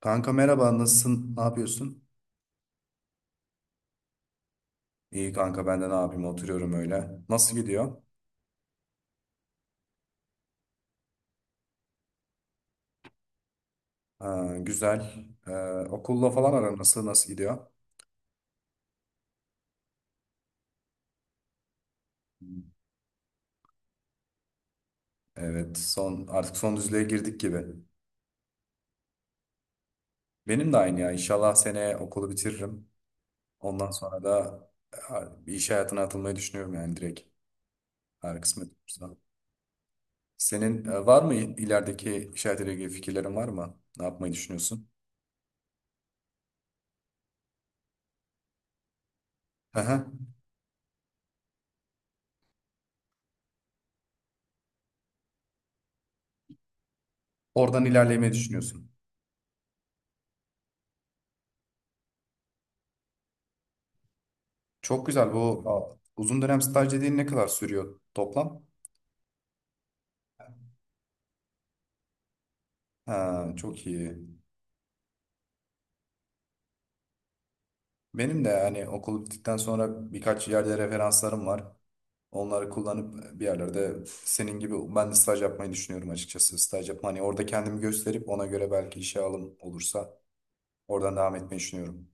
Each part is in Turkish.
Kanka merhaba, nasılsın? Ne yapıyorsun? İyi kanka ben de ne yapayım oturuyorum öyle. Nasıl gidiyor? Ha, güzel. Okulla falan aran nasıl gidiyor? Evet son artık son düzlüğe girdik gibi. Benim de aynı ya. İnşallah seneye okulu bitiririm. Ondan sonra da bir iş hayatına atılmayı düşünüyorum yani direkt. Eğer kısmet olursa. Senin var mı ilerideki iş hayatıyla ilgili fikirlerin var mı? Ne yapmayı düşünüyorsun? Hı hı. Oradan ilerlemeyi düşünüyorsun. Çok güzel. Bu uzun dönem staj dediğin ne kadar sürüyor toplam? Ha, çok iyi. Benim de yani okul bittikten sonra birkaç yerde referanslarım var. Onları kullanıp bir yerlerde senin gibi ben de staj yapmayı düşünüyorum açıkçası. Staj yapma hani orada kendimi gösterip ona göre belki işe alım olursa oradan devam etmeyi düşünüyorum.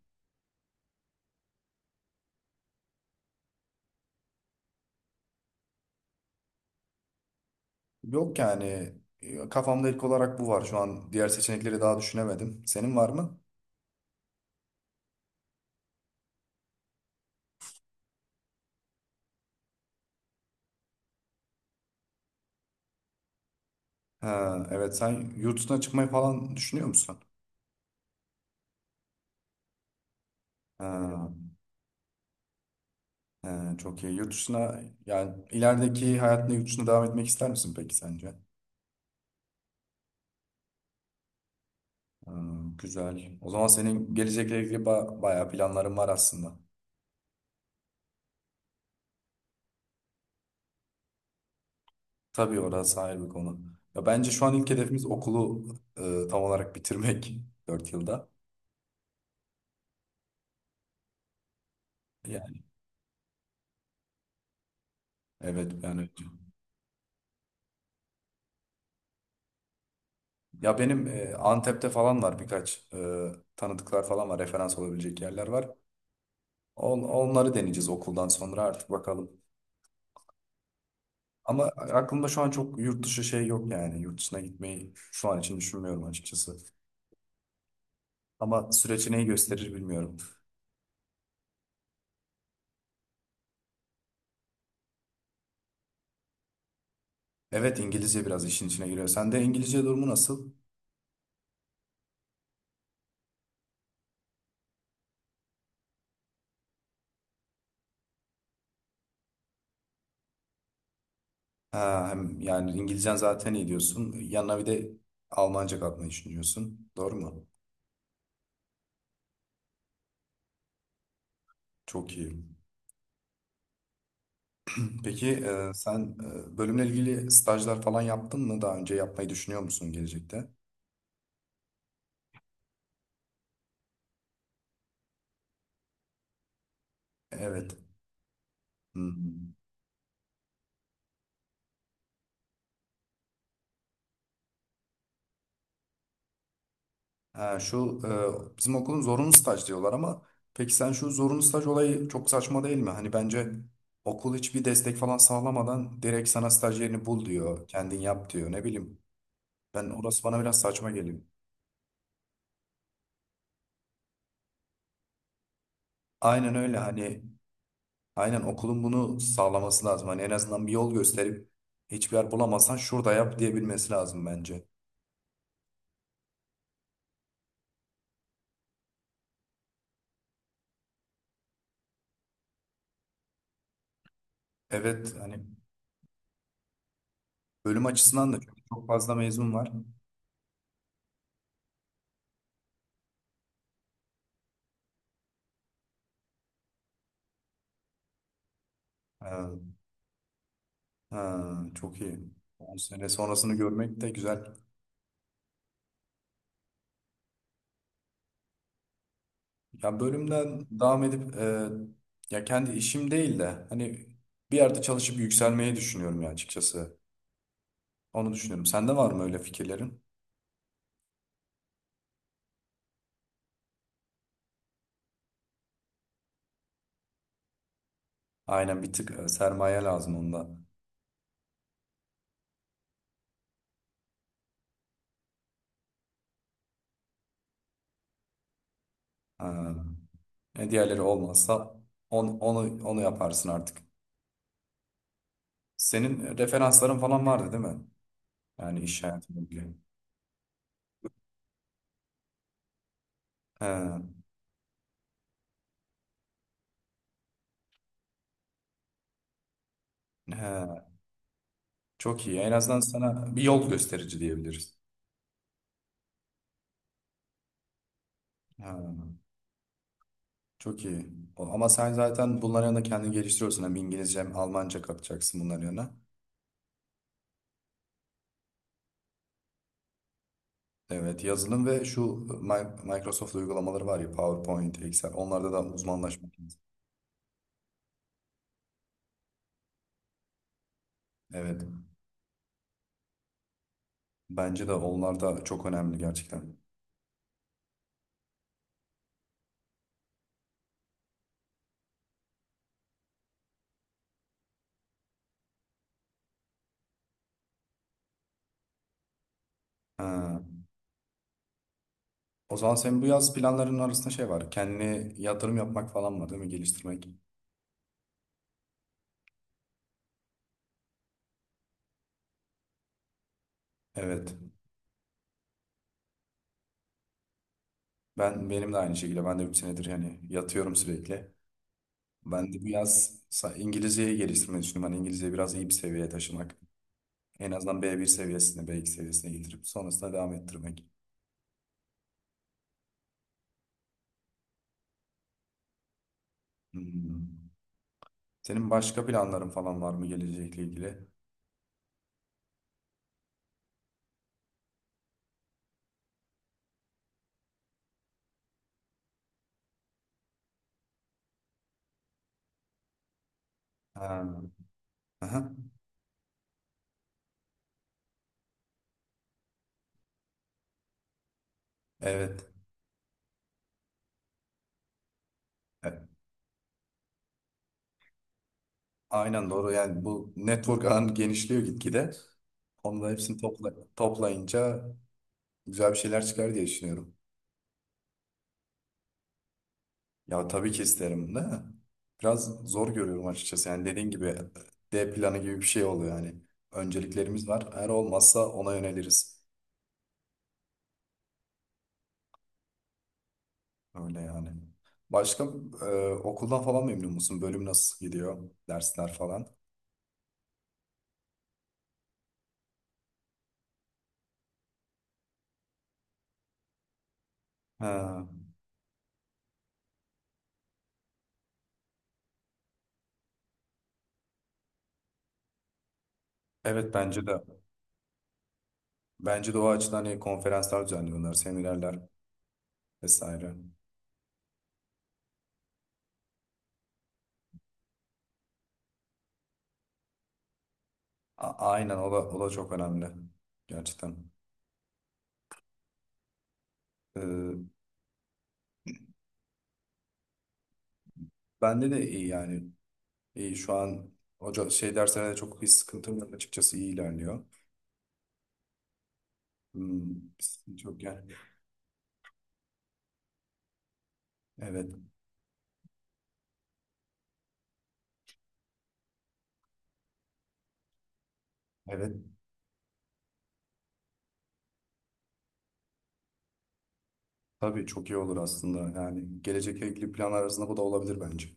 Yok yani, kafamda ilk olarak bu var. Şu an diğer seçenekleri daha düşünemedim. Senin var mı? Ha, evet, sen yurt dışına çıkmayı falan düşünüyor musun? Ha. He, çok iyi. Yurt dışına yani ilerideki hayatında yurt dışına devam etmek ister misin peki sence? Hmm, güzel. O zaman senin gelecekle ilgili bayağı planların var aslında. Tabii orası ayrı bir konu. Ya bence şu an ilk hedefimiz okulu tam olarak bitirmek 4 yılda. Yani evet ya benim Antep'te falan var birkaç tanıdıklar falan var, referans olabilecek yerler var. Onları deneyeceğiz okuldan sonra artık bakalım. Ama aklımda şu an çok yurt dışı şey yok yani. Yurt dışına gitmeyi şu an için düşünmüyorum açıkçası. Ama süreç neyi gösterir bilmiyorum. Evet, İngilizce biraz işin içine giriyor. Sen de İngilizce durumu nasıl? Ha, hem yani İngilizcen zaten iyi diyorsun. Yanına bir de Almanca katmayı düşünüyorsun. Doğru mu? Çok iyi. Peki sen bölümle ilgili stajlar falan yaptın mı? Daha önce yapmayı düşünüyor musun gelecekte? Evet. Hı. Ha, şu bizim okulun zorunlu staj diyorlar ama peki sen şu zorunlu staj olayı çok saçma değil mi? Hani bence okul hiçbir destek falan sağlamadan direkt sana staj yerini bul diyor. Kendin yap diyor. Ne bileyim. Ben, orası bana biraz saçma geliyor. Aynen öyle, hani aynen okulun bunu sağlaması lazım. Hani en azından bir yol gösterip hiçbir yer bulamazsan şurada yap diyebilmesi lazım bence. Evet, hani bölüm açısından da, çünkü çok fazla mezun var. Ee, ha, çok iyi. 10 sene sonrasını görmek de güzel. Ya bölümden devam edip, ya kendi işim değil de hani bir yerde çalışıp yükselmeyi düşünüyorum ya açıkçası. Onu düşünüyorum. Sende var mı öyle fikirlerin? Aynen, bir tık sermaye lazım onda. Ha. E, diğerleri olmazsa onu onu yaparsın artık. Senin referansların falan vardı değil mi? Yani iş hayatında ilgili. He, he. Çok iyi. En azından sana bir yol gösterici diyebiliriz. He. Çok iyi. Ama sen zaten bunların yanında kendini geliştiriyorsun. Hem İngilizce hem Almanca katacaksın bunların yanına. Evet, yazılım ve şu Microsoft uygulamaları var ya, PowerPoint, Excel. Onlarda da uzmanlaşmak lazım. Evet. Bence de onlar da çok önemli gerçekten. Ha. O zaman senin bu yaz planlarının arasında şey var. Kendine yatırım yapmak falan var değil mi? Geliştirmek. Evet. Benim de aynı şekilde. Ben de bir senedir yani yatıyorum sürekli. Ben de bu yaz İngilizceyi geliştirmeyi düşünüyorum. Hani İngilizceyi biraz iyi bir seviyeye taşımak. En azından bir seviyesine, B2 seviyesine getirip sonrasında devam ettirmek. Hmm. Senin başka planların falan var mı gelecekle ilgili? Ha. Aha. Evet. E, aynen doğru. Yani bu network ağın genişliyor gitgide. Onu da hepsini toplayınca güzel bir şeyler çıkar diye düşünüyorum. Ya tabii ki isterim de biraz zor görüyorum açıkçası. Yani dediğin gibi, D planı gibi bir şey oluyor yani. Önceliklerimiz var. Eğer olmazsa ona yöneliriz. Öyle yani. Başka e, okuldan falan memnun musun? Bölüm nasıl gidiyor? Dersler falan. Ha, evet, bence de. Bence de o açıdan hani konferanslar düzenliyorlar, seminerler vesaire. Aynen, o da çok önemli. Gerçekten. E, bende de iyi yani. İyi şu an hoca şey derslerine de çok bir sıkıntım yok açıkçası, iyi ilerliyor. Hmm, bir sıkıntı yok yani. Evet. Evet. Tabii çok iyi olur aslında. Yani gelecekle ilgili planlar arasında bu da olabilir bence.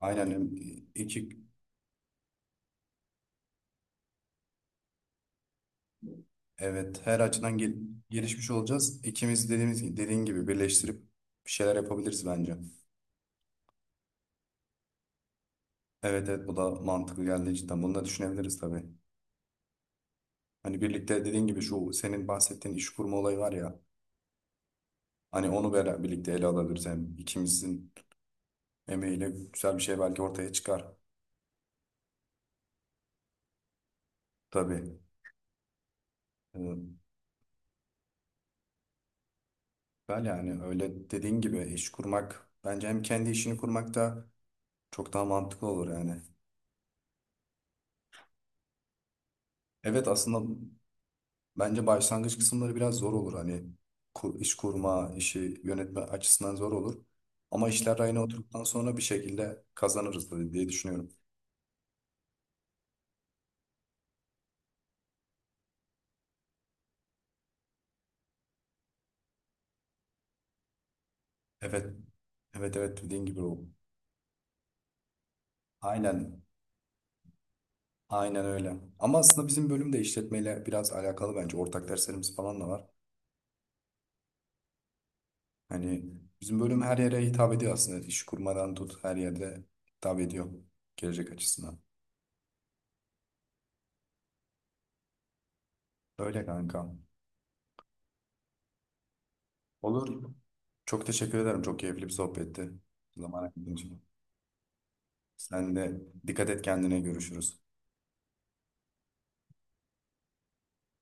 Aynen, iki, evet, her açıdan gelişmiş olacağız. İkimiz dediğin gibi birleştirip bir şeyler yapabiliriz bence. Evet, evet, bu da mantıklı geldi cidden. Bunu da düşünebiliriz tabii. Hani birlikte dediğin gibi şu senin bahsettiğin iş kurma olayı var ya. Hani onu beraber birlikte ele alabiliriz. Hem ikimizin emeğiyle güzel bir şey belki ortaya çıkar. Tabii. Ee, ben yani öyle dediğin gibi iş kurmak bence, hem kendi işini kurmak da çok daha mantıklı olur yani. Evet aslında, bence başlangıç kısımları biraz zor olur. Hani iş kurma, işi yönetme açısından zor olur. Ama işler rayına oturduktan sonra bir şekilde kazanırız tabii diye düşünüyorum. Evet. Evet, evet, dediğin gibi o. Aynen. Aynen öyle. Ama aslında bizim bölüm de işletmeyle biraz alakalı bence. Ortak derslerimiz falan da var. Hani bizim bölüm her yere hitap ediyor aslında. İş kurmadan tut, her yerde hitap ediyor gelecek açısından. Öyle kanka. Olur. Çok teşekkür ederim. Çok keyifli bir sohbetti. Zaman ayırdığın için. Sen de dikkat et kendine, görüşürüz.